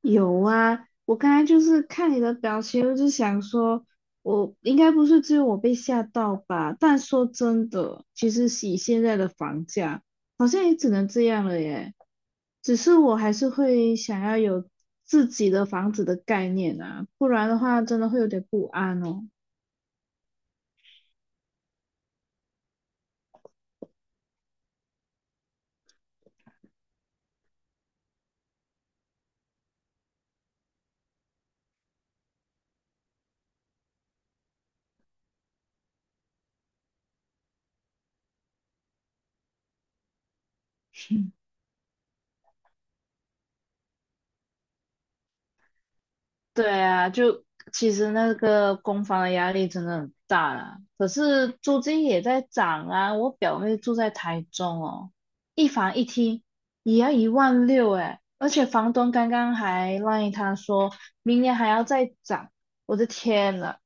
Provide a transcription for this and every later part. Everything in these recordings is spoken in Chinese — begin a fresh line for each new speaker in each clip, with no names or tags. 有啊，我刚才就是看你的表情，我就想说，我应该不是只有我被吓到吧？但说真的，其实以现在的房价，好像也只能这样了耶。只是我还是会想要有自己的房子的概念啊，不然的话真的会有点不安哦。对啊，就其实那个公房的压力真的很大啦。可是租金也在涨啊，我表妹住在台中哦，一房一厅也要1.6万诶，而且房东刚刚还赖她说明年还要再涨，我的天呐！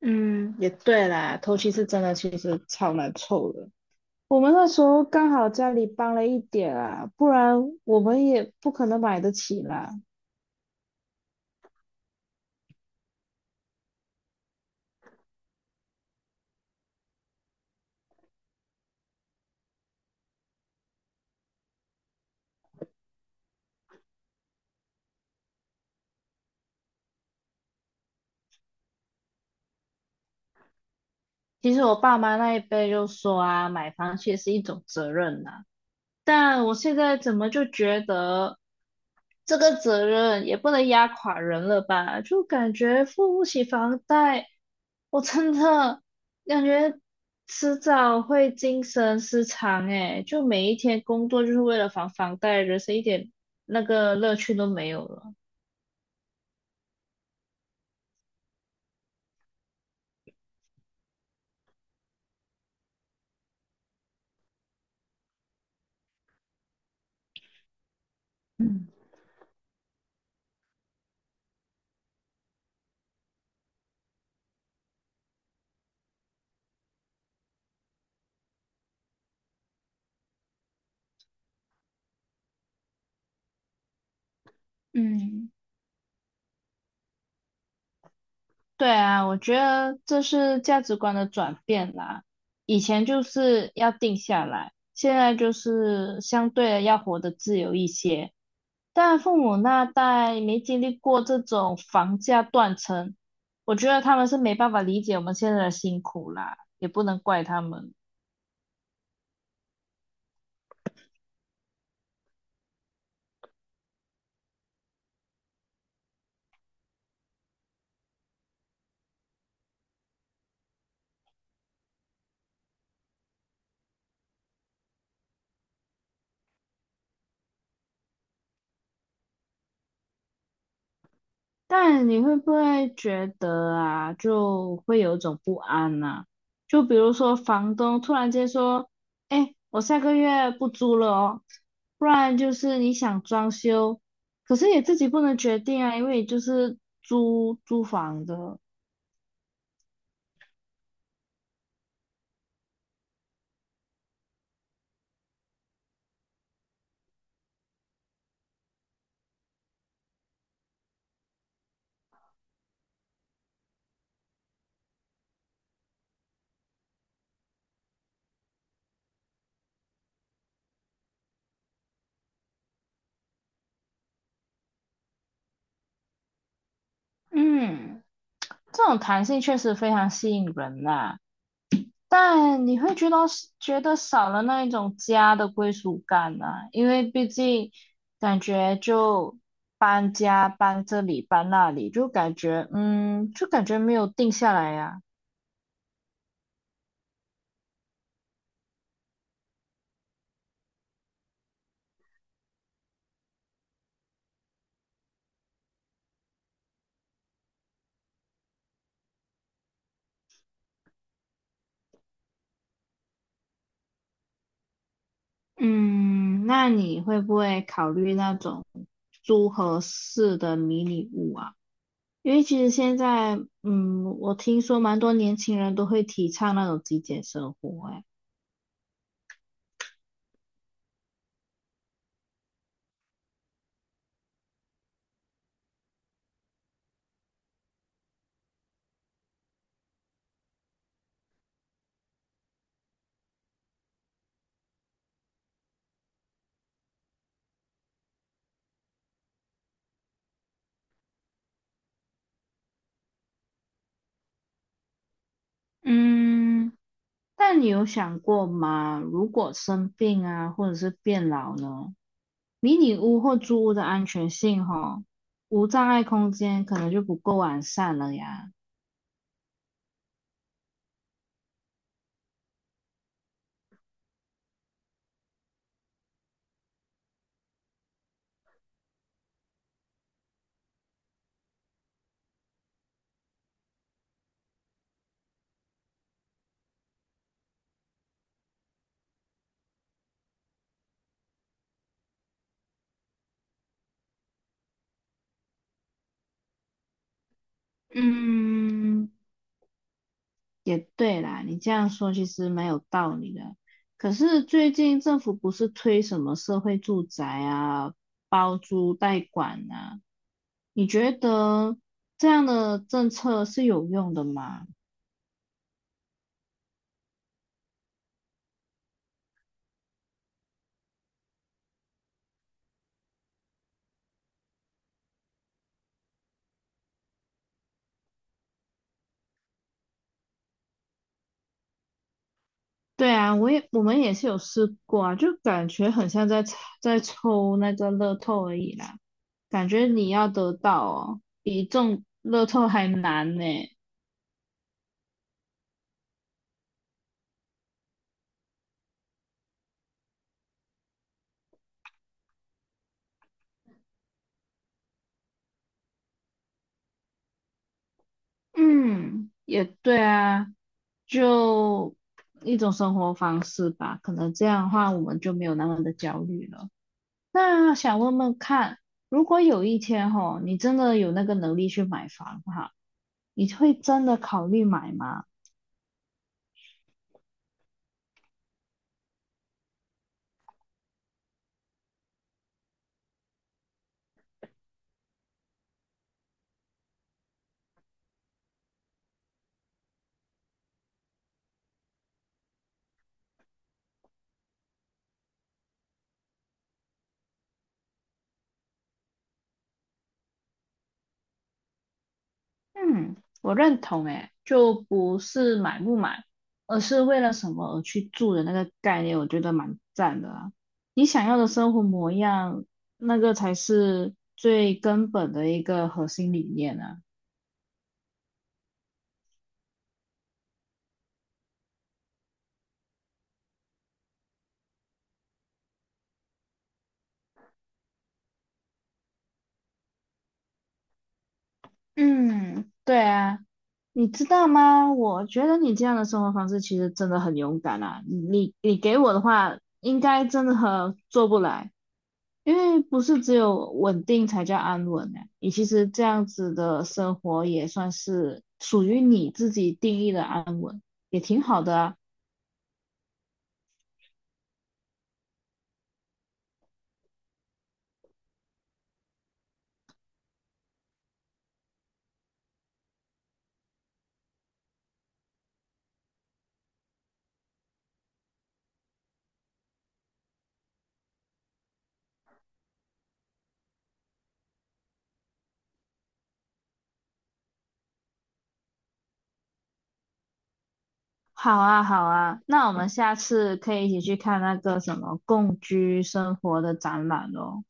嗯，也对啦，头期是真的，其实超难凑的。我们那时候刚好家里帮了一点啊，不然我们也不可能买得起啦。其实我爸妈那一辈就说啊，买房其实是一种责任呐，但我现在怎么就觉得这个责任也不能压垮人了吧？就感觉付不起房贷，我真的感觉迟早会精神失常诶，就每一天工作就是为了还房贷，人生一点那个乐趣都没有了。嗯嗯，对啊，我觉得这是价值观的转变啦。以前就是要定下来，现在就是相对的要活得自由一些。但父母那代没经历过这种房价断层，我觉得他们是没办法理解我们现在的辛苦啦，也不能怪他们。但你会不会觉得啊，就会有一种不安呐，就比如说房东突然间说：“哎，我下个月不租了哦。”不然就是你想装修，可是也自己不能决定啊，因为你就是租房的。嗯，这种弹性确实非常吸引人呐，但你会觉得少了那一种家的归属感啊，因为毕竟感觉就搬家搬这里搬那里，就感觉嗯，就感觉没有定下来呀。嗯，那你会不会考虑那种租合适的迷你屋啊？因为其实现在嗯，我听说蛮多年轻人都会提倡那种极简生活，哎。嗯，但你有想过吗？如果生病啊，或者是变老呢？迷你屋或租屋的安全性吼，无障碍空间可能就不够完善了呀。嗯，也对啦，你这样说其实蛮有道理的。可是最近政府不是推什么社会住宅啊，包租代管啊？你觉得这样的政策是有用的吗？对啊，我们也是有试过啊，就感觉很像在抽那个乐透而已啦，感觉你要得到哦，比中乐透还难呢。嗯，也对啊，就一种生活方式吧，可能这样的话我们就没有那么的焦虑了。那想问问看，如果有一天吼，你真的有那个能力去买房哈，你会真的考虑买吗？嗯，我认同诶，就不是买不买，而是为了什么而去住的那个概念，我觉得蛮赞的啊。你想要的生活模样，那个才是最根本的一个核心理念呢。嗯，对啊，你知道吗？我觉得你这样的生活方式其实真的很勇敢啊。你给我的话，应该真的很做不来。因为不是只有稳定才叫安稳呢，你其实这样子的生活也算是属于你自己定义的安稳，也挺好的啊。好啊，好啊，那我们下次可以一起去看那个什么共居生活的展览哦。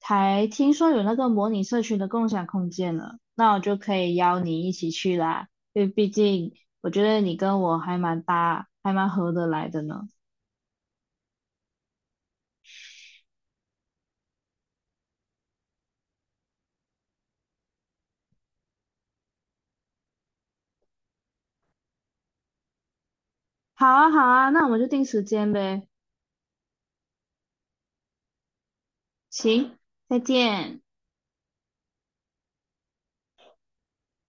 才听说有那个模拟社区的共享空间了，那我就可以邀你一起去啦，因为毕竟我觉得你跟我还蛮搭，还蛮合得来的呢。好啊，好啊，那我们就定时间呗。行，再见。